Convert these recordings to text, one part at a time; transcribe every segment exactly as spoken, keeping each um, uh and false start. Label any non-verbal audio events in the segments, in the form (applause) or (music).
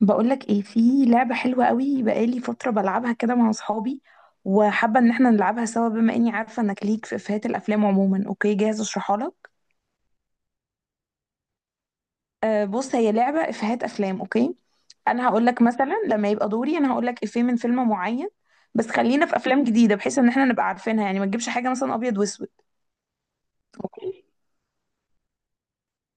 بقولك ايه؟ في لعبة حلوة قوي بقالي فترة بلعبها كده مع اصحابي، وحابة ان احنا نلعبها سوا. بما اني عارفة انك ليك في افيهات الافلام عموما. اوكي، جاهز اشرحها لك؟ آه بص، هي لعبة افيهات افلام. اوكي. انا هقولك مثلا لما يبقى دوري انا هقولك افيه من فيلم معين. بس خلينا في افلام جديدة بحيث ان احنا نبقى عارفينها. يعني ما تجيبش حاجة مثلا ابيض واسود. اوكي،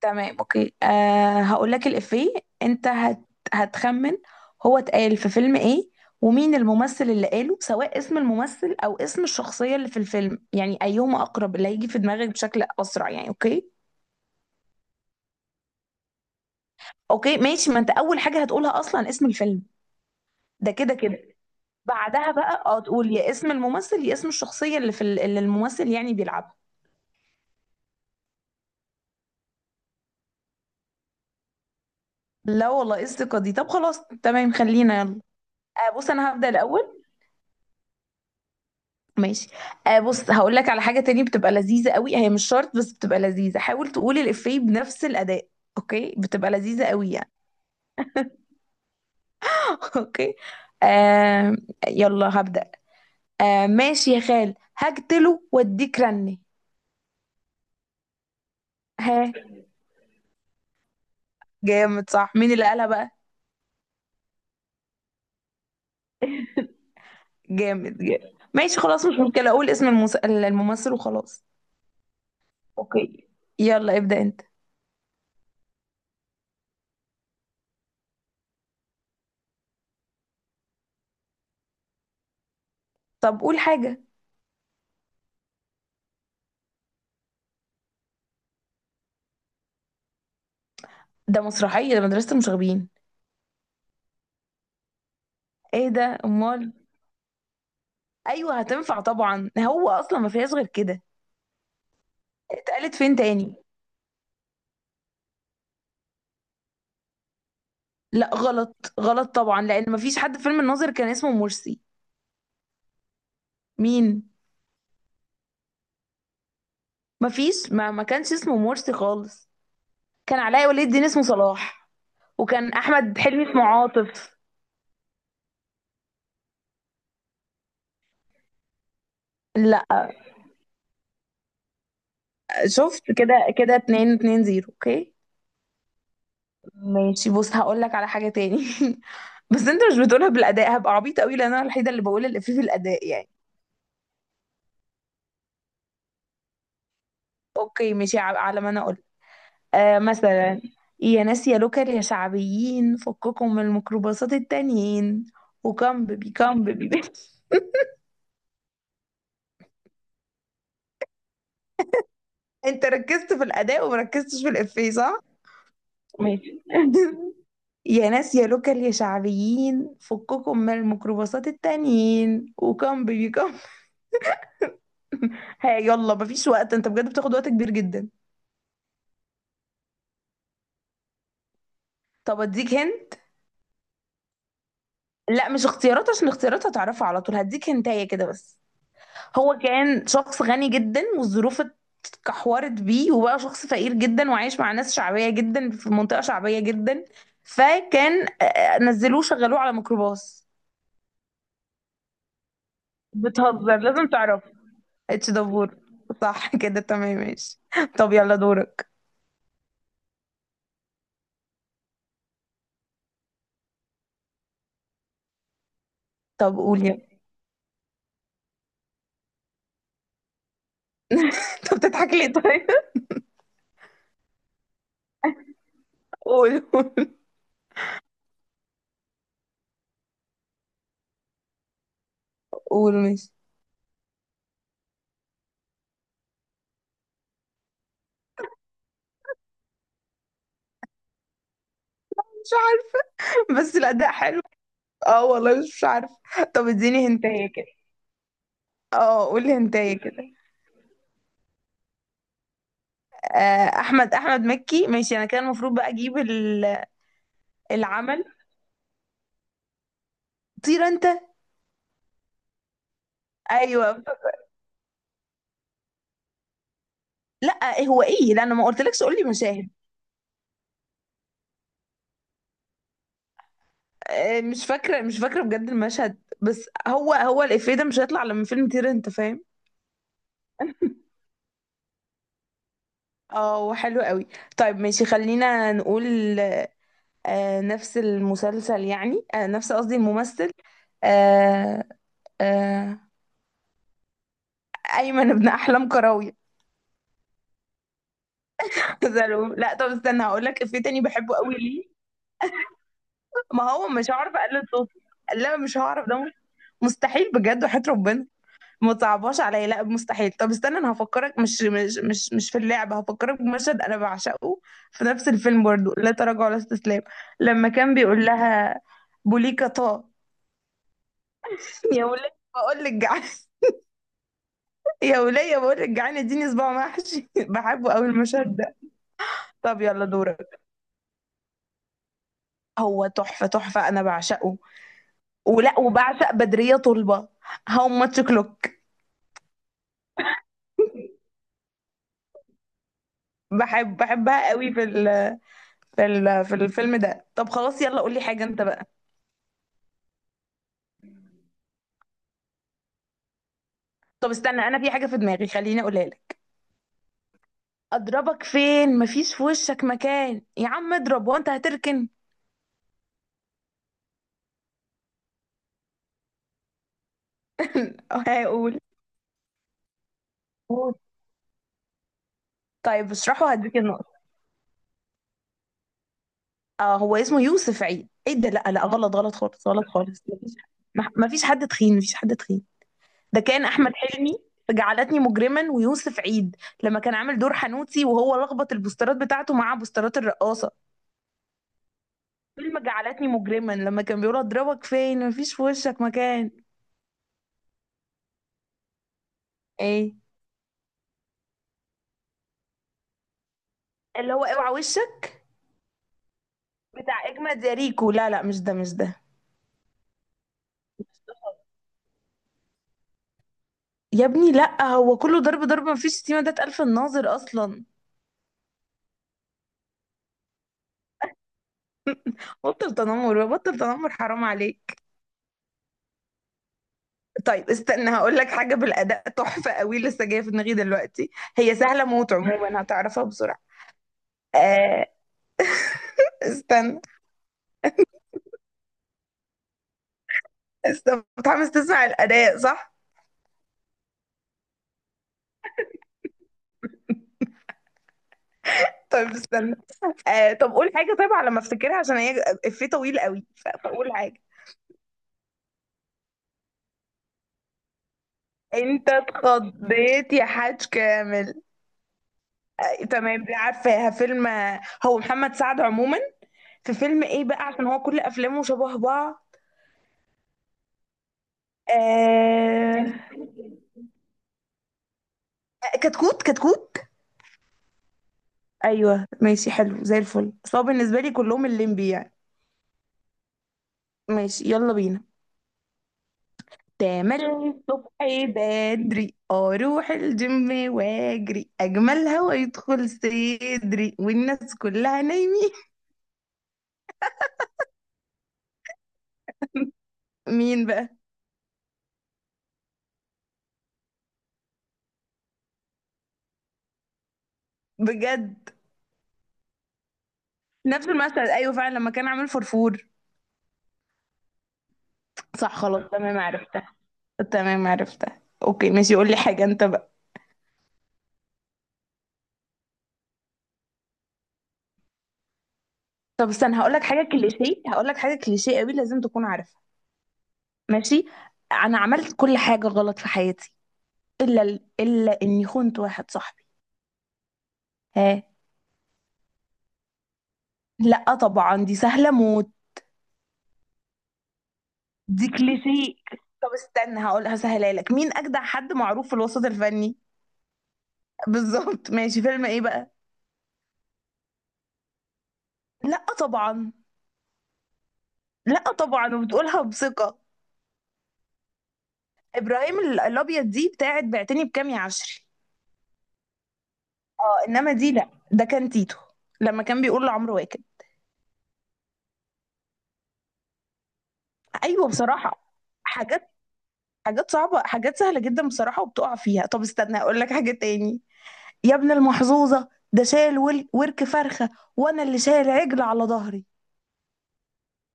تمام. اوكي، أه هقول لك الإفيه. انت هت... هتخمن. هو اتقال في فيلم ايه، ومين الممثل اللي قاله، سواء اسم الممثل او اسم الشخصية اللي في الفيلم. يعني ايهما اقرب اللي هيجي في دماغك بشكل اسرع. يعني اوكي. اوكي ماشي، ما انت اول حاجة هتقولها اصلا اسم الفيلم. ده كده كده. بعدها بقى اه تقول يا اسم الممثل يا اسم الشخصية اللي في ال... اللي الممثل يعني بيلعبها. لا والله، ايه الثقة دي؟ طب خلاص، تمام، خلينا يلا. أه بص، انا هبدأ الاول. ماشي. آه بص، هقول لك على حاجة تانية بتبقى لذيذة قوي، هي مش شرط بس بتبقى لذيذة. حاول تقول الإفيه بنفس الأداء. اوكي، بتبقى لذيذة قوي يعني. (laughs) اوكي. آه. يلا هبدأ. آه ماشي يا خال، هقتله واديك رني. ها؟ جامد، صح؟ مين اللي قالها بقى؟ جامد جامد، ماشي خلاص، مش مشكلة اقول اسم المس... الممثل وخلاص. اوكي، يلا ابدأ انت. طب قول حاجة. ده مسرحية، ده مدرسة المشاغبين. ايه ده امال؟ ايوه هتنفع طبعا، هو اصلا ما فيهاش غير كده. اتقالت فين تاني؟ لا غلط غلط طبعا، لان ما فيش حد في فيلم الناظر كان اسمه مرسي. مين؟ ما فيش. ما, ما كانش اسمه مرسي خالص. كان علاء ولي الدين اسمه صلاح. وكان احمد حلمي اسمه عاطف. لا. شفت؟ كده كده اتنين، اتنين زيرو. اوكي. ماشي، بص هقول لك على حاجة تاني. (laughs) بس انت مش بتقولها بالاداء، هبقى عبيطة قوي لان انا الوحيدة اللي بقول الافيه بالاداء يعني. اوكي ماشي، ع- على ما انا. آه مثلا. يا ناس يا لوكر يا شعبيين فككم من الميكروباصات التانيين، وكم بيبي كم بيبي. (laughs) انت ركزت في الاداء ومركزتش في الافيه، صح؟ ماشي. (laughs) يا ناس يا لوكر يا شعبيين فككم من الميكروباصات التانيين، وكم بيبي كم. ها؟ (laughs) يلا مفيش وقت، انت بجد بتاخد وقت كبير جدا. طب اديك هن. لا، مش اختيارات، عشان اختيارات هتعرفها على طول، هديك هنتايه كده بس. هو كان شخص غني جدا والظروف كحورت بيه، وبقى شخص فقير جدا وعايش مع ناس شعبية جدا في منطقة شعبية جدا. فكان، آه، نزلوه شغلوه على ميكروباص. بتهزر، لازم تعرف. اتش دبور. صح كده، تمام ماشي. طب يلا دورك. طب قول يلا. (laughs) طب بتضحك ليه طيب؟ قول قول. قول ماشي. مش عارفة. بس الأداء حلو. اه والله، مش مش عارفة. طب اديني هنتايه كده. اه قولي هنتايه كده. آه، احمد احمد مكي. ماشي انا كان المفروض بقى اجيب ال- العمل. طير انت. ايوه. لا هو ايه، لا انا ما قلتلكش قول لي مشاهد. آه، مش فاكره مش فاكره بجد المشهد، بس هو هو الافيه ده مش هيطلع لما فيلم طير انت، فاهم؟ اه، حلو قوي. طيب ماشي، خلينا نقول. آه نفس المسلسل يعني، آه نفس، قصدي الممثل. آه آه ايمن ابن احلام كراوي. (laughs) زعلوم. لا طب استنى، هقول لك افيه تاني بحبه قوي ليه. ما هو مش هعرف اقلد صوته. لا مش هعرف ده. مستحيل بجد وحياة ربنا. ما تصعبهاش عليا، لا مستحيل. طب استنى، انا هفكرك مش مش مش مش في اللعبه، هفكرك بمشهد انا بعشقه. في نفس الفيلم برضو، لا تراجع ولا استسلام. لما كان بيقول لها بوليكا طه. (laughs) يا وليه بقول لك جعان. (laughs) يا وليه بقول لك جعان اديني صباع محشي. (laughs) بحبه قوي المشهد ده. طب يلا دورك. هو تحفه تحفه انا بعشقه. ولا وبعشق بدريه طلبه. هاو ماتش كلوك. بحب بحبها قوي في ال في ال في الفيلم ده. طب خلاص يلا قولي حاجه انت بقى. طب استنى، انا في حاجه في دماغي، خليني اقولها لك. اضربك فين، مفيش في وشك مكان، يا عم اضرب وانت هتركن. (laughs) هقول. قول. طيب اشرحه، هديك النقطه. اه هو اسمه يوسف عيد؟ ايه ده؟ لا لا، غلط غلط خالص، غلط خالص مفيش. مح- مفيش حد تخين، مفيش حد تخين. ده كان احمد حلمي في جعلتني مجرما ويوسف عيد. لما كان عامل دور حنوتي وهو لخبط البوسترات بتاعته مع بوسترات الرقاصه. فيلم جعلتني مجرما لما كان بيقول اضربك فين مفيش في وشك مكان. ايه؟ اللي هو اوعى وشك. بتاع اجمد يا ريكو؟ لا لا مش ده مش ده. يا ابني لا، هو كله ضرب ضرب مفيش شتيمه، ده اتقال في الناظر اصلا. بطل تنمر بقى، بطل تنمر حرام عليك. طيب استنى، هقول لك حاجه بالاداء تحفه قوي لسه جايه في دماغي دلوقتي. هي سهله موت عموما، هتعرفها بسرعه. آه. استنى. استنى متحمس تسمع الاداء، صح؟ طيب استنى. آه طب قول حاجه، طيب على ما افتكرها، عشان هي افيه طويل قوي، ف- فقول حاجه. انت اتخضيت يا حاج كامل. تمام، لا عارفاها فيلم. هو محمد سعد عموما. في فيلم ايه بقى، عشان هو كل افلامه شبه بعض. آه... كتكوت كتكوت. ايوه ماشي، حلو زي الفل، بس هو بالنسبه لي كلهم الليمبي يعني. ماشي يلا بينا. تملي الصبح بدري اروح الجيم واجري، اجمل هوا يدخل صدري والناس كلها نايمين. مين بقى؟ بجد. نفس المشهد ايوه فعلا، لما كان عامل فرفور. صح خلاص، تمام عرفتها. تمام عرفتها، اوكي ماشي، قول لي حاجه انت بقى. طب استنى، هقول لك حاجه كليشيه، هقول لك حاجه كليشيه قوي لازم تكون عارفها. ماشي. انا عملت كل حاجه غلط في حياتي، الا ال... الا اني خنت واحد صاحبي. ها؟ لا طبعا، دي سهله موت. دي كليشيه. طب استنى، هقول هسهلها لك، مين اجدع حد معروف في الوسط الفني؟ بالظبط ماشي، فيلم ايه بقى؟ لا طبعا. لا طبعا، وبتقولها بثقه. ابراهيم ال- الابيض دي بتاعت بعتني بكام يا عشري. اه انما دي لا، ده كان تيتو. لما كان بيقول لعمرو واكد. ايوه بصراحه. حاجات حاجات صعبه، حاجات سهله جدا بصراحه وبتقع فيها. طب استنى، اقول لك حاجه تاني. يا ابن المحظوظه، ده شال ول- ورك فرخه، وانا اللي شايل عجل على ظهري.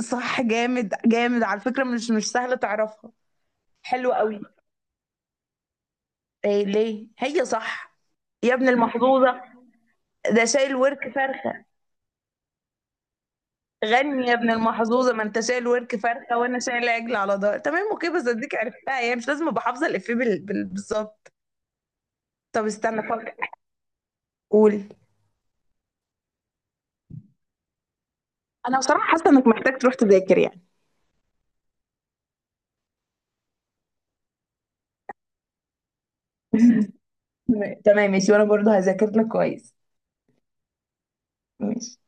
صح، جامد جامد على فكره، مش مش سهله تعرفها. حلو قوي. إيه ليه؟ هي صح. يا ابن المحظوظه ده شايل ورك فرخه. غني يا ابن المحظوظه من تشاء الورك فرخه، وانا شايل العجل على ظهر. تمام اوكي، بس اديك عرفتها يعني، مش لازم ابقى حافظه الافيه بال- بال- بالظبط. طب استنى فكر. قول. انا بصراحه حاسه انك محتاج تروح تذاكر يعني. (laughs) تمام ماشي، وانا برضو هذاكر لك كويس. ماشي.